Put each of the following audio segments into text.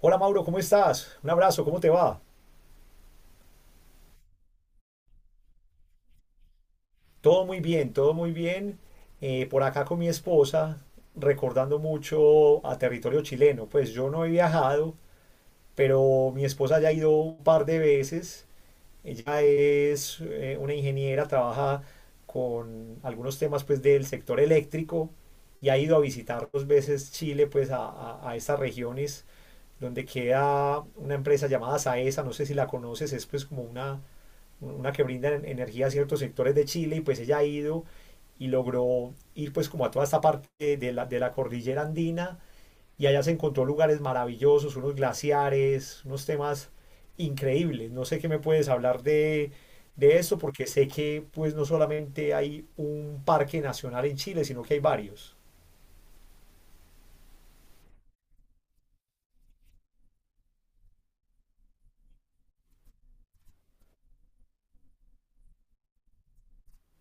Hola Mauro, ¿cómo estás? Un abrazo, ¿cómo te va? Todo muy bien, todo muy bien. Por acá con mi esposa, recordando mucho a territorio chileno. Pues yo no he viajado, pero mi esposa ya ha ido un par de veces. Ella es una ingeniera, trabaja con algunos temas pues del sector eléctrico y ha ido a visitar dos veces Chile pues a estas regiones donde queda una empresa llamada Saesa, no sé si la conoces, es pues como una que brinda energía a ciertos sectores de Chile y pues ella ha ido y logró ir pues como a toda esta parte de la cordillera andina y allá se encontró lugares maravillosos, unos glaciares, unos temas increíbles. No sé qué me puedes hablar de esto porque sé que pues no solamente hay un parque nacional en Chile, sino que hay varios.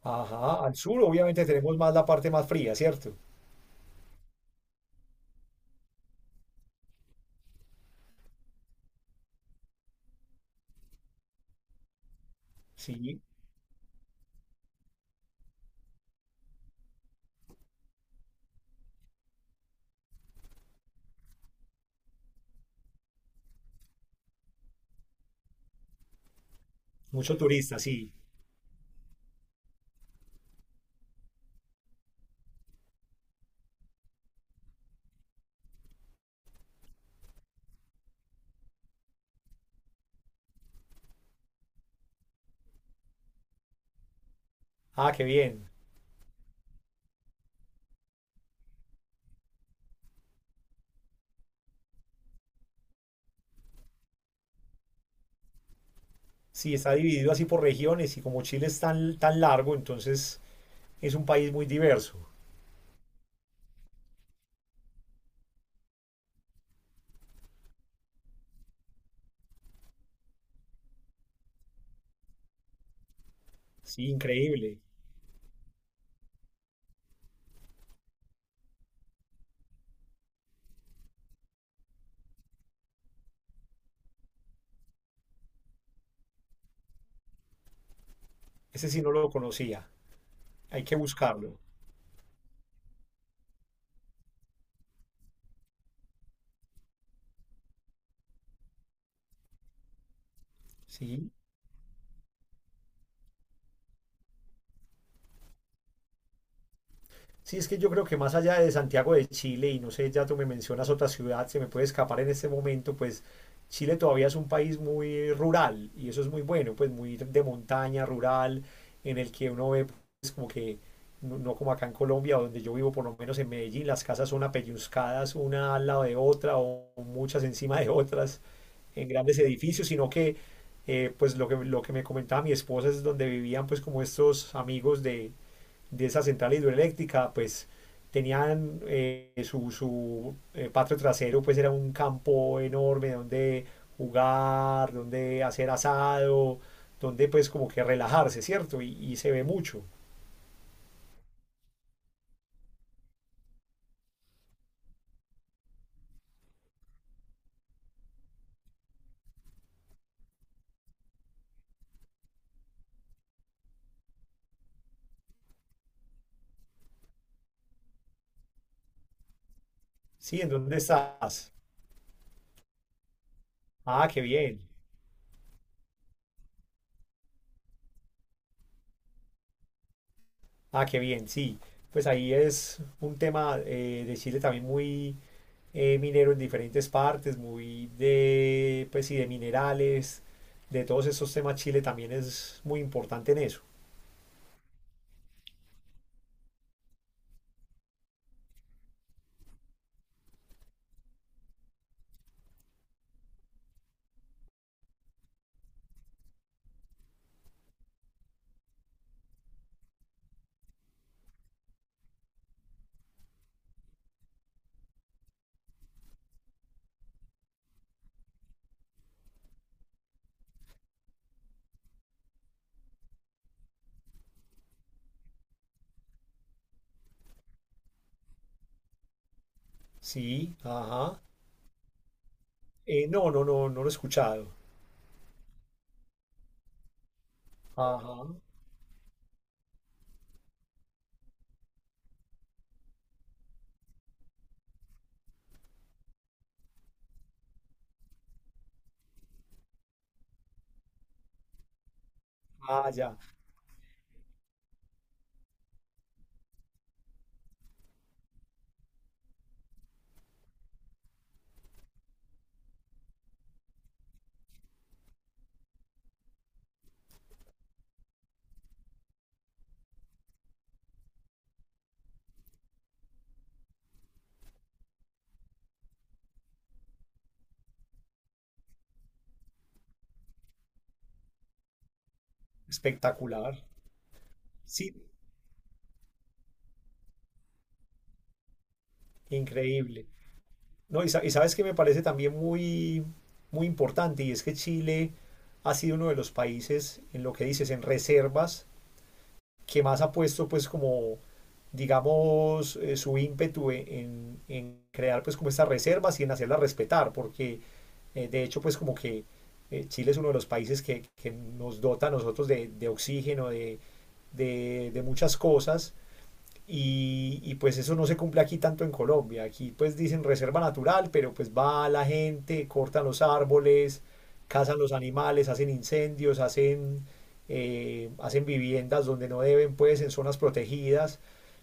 Ajá, al sur obviamente tenemos más la parte más fría, ¿cierto? Sí, mucho turista, sí. Ah, qué bien. Sí, está dividido así por regiones y como Chile es tan, tan largo, entonces es un país muy diverso. Sí, increíble. Ese sí no lo conocía. Hay que buscarlo. Sí. Sí, es que yo creo que más allá de Santiago de Chile, y no sé, ya tú me mencionas otra ciudad, se me puede escapar en este momento, pues Chile todavía es un país muy rural, y eso es muy bueno, pues muy de montaña, rural, en el que uno ve, pues como que, no, no como acá en Colombia, donde yo vivo, por lo menos en Medellín, las casas son apelluzcadas una al lado de otra o muchas encima de otras en grandes edificios, sino que pues lo que me comentaba mi esposa es donde vivían pues como estos amigos de esa central hidroeléctrica, pues tenían su patio trasero, pues era un campo enorme donde jugar, donde hacer asado, donde pues como que relajarse, ¿cierto? Y se ve mucho. Sí, ¿en dónde estás? Ah, qué bien. Ah, qué bien, sí. Pues ahí es un tema de Chile también muy minero en diferentes partes, muy de, pues, sí de minerales, de todos esos temas. Chile también es muy importante en eso. Sí, ajá. No, no, no, no lo he escuchado. Ajá. Ah, ya. Espectacular. Sí, increíble. No, y, sa- Y sabes que me parece también muy, muy importante, y es que Chile ha sido uno de los países, en lo que dices, en reservas, que más ha puesto, pues, como, digamos, su ímpetu en crear, pues, como estas reservas y en hacerlas respetar, porque de hecho, pues como que Chile es uno de los países que nos dota a nosotros de oxígeno, de muchas cosas. Y, pues eso no se cumple aquí tanto en Colombia. Aquí pues dicen reserva natural, pero pues va la gente, cortan los árboles, cazan los animales, hacen incendios, hacen, hacen viviendas donde no deben, pues en zonas protegidas.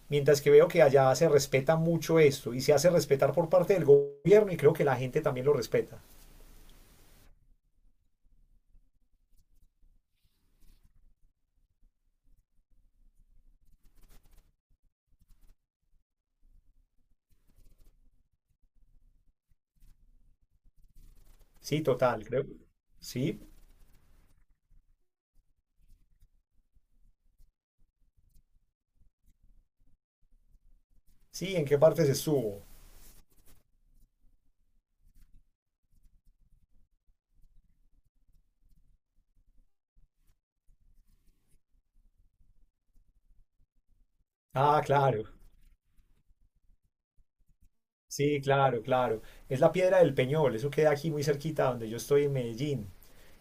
Mientras que veo que allá se respeta mucho esto y se hace respetar por parte del gobierno y creo que la gente también lo respeta. Sí, total, creo. Sí, sí, ¿en qué parte se subo? Ah, claro. Sí, claro, claro. Es la Piedra del Peñol, eso queda aquí muy cerquita donde yo estoy en Medellín.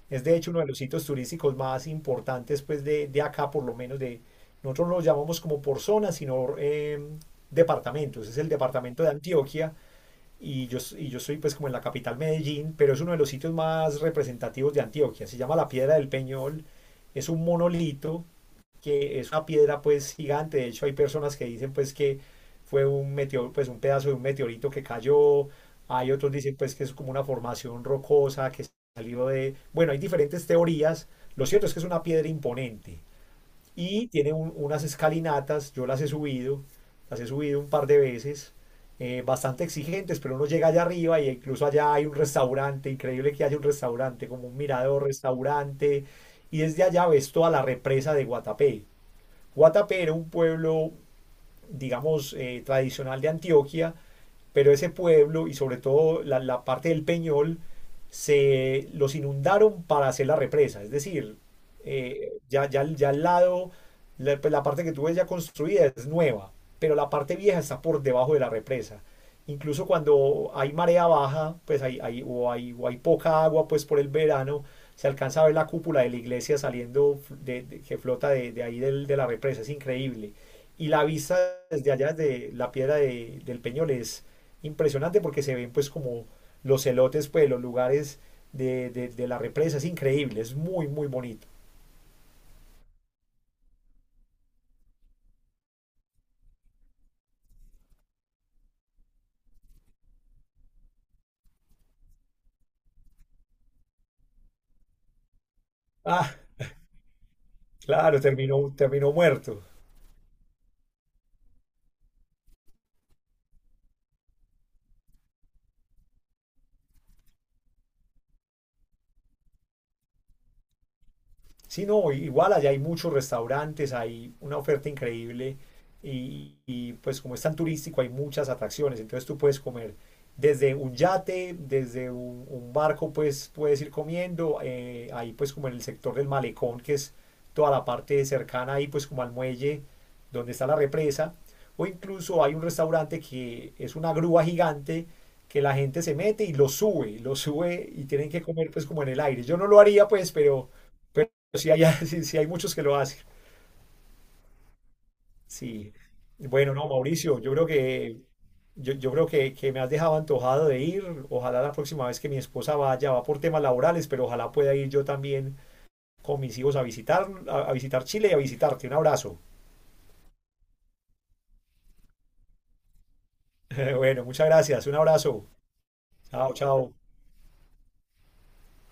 Es de hecho uno de los sitios turísticos más importantes, pues de acá, por lo menos de. Nosotros no lo llamamos como por zonas, sino em, departamentos. Es el departamento de Antioquia y y yo soy, pues, como en la capital Medellín, pero es uno de los sitios más representativos de Antioquia. Se llama la Piedra del Peñol, es un monolito que es una piedra pues gigante. De hecho, hay personas que dicen pues que fue un meteoro, pues un pedazo de un meteorito que cayó. Hay otros dicen pues que es como una formación rocosa que salió de... Bueno, hay diferentes teorías. Lo cierto es que es una piedra imponente y tiene unas escalinatas. Yo las he subido un par de veces. Eh, bastante exigentes, pero uno llega allá arriba y incluso allá hay un restaurante, increíble que haya un restaurante, como un mirador restaurante, y desde allá ves toda la represa de Guatapé. Guatapé era un pueblo, digamos, tradicional de Antioquia, pero ese pueblo y sobre todo la parte del Peñol se los inundaron para hacer la represa, es decir, ya al lado, pues, la parte que tú ves ya construida es nueva, pero la parte vieja está por debajo de la represa. Incluso cuando hay marea baja, pues o hay poca agua pues por el verano, se alcanza a ver la cúpula de la iglesia saliendo que flota de ahí de la represa, es increíble. Y la vista desde allá, desde la piedra de del Peñol, es, impresionante porque se ven pues como los celotes, pues los lugares de la represa, es increíble, es muy, muy bonito. Ah, claro, terminó, terminó muerto. Sí, no, igual allá hay muchos restaurantes, hay una oferta increíble y, pues como es tan turístico hay muchas atracciones, entonces tú puedes comer desde un yate, desde un barco pues puedes ir comiendo, ahí pues como en el sector del malecón que es toda la parte cercana ahí pues como al muelle donde está la represa o incluso hay un restaurante que es una grúa gigante que la gente se mete y lo sube y tienen que comer pues como en el aire. Yo no lo haría pues, pero sí hay, sí hay muchos que lo hacen. Sí. Bueno, no, Mauricio, yo creo que, yo creo que me has dejado antojado de ir. Ojalá la próxima vez que mi esposa vaya, va por temas laborales, pero ojalá pueda ir yo también con mis hijos a visitar, a visitar Chile y a visitarte. Un abrazo. Bueno, muchas gracias. Un abrazo. Chao, chao.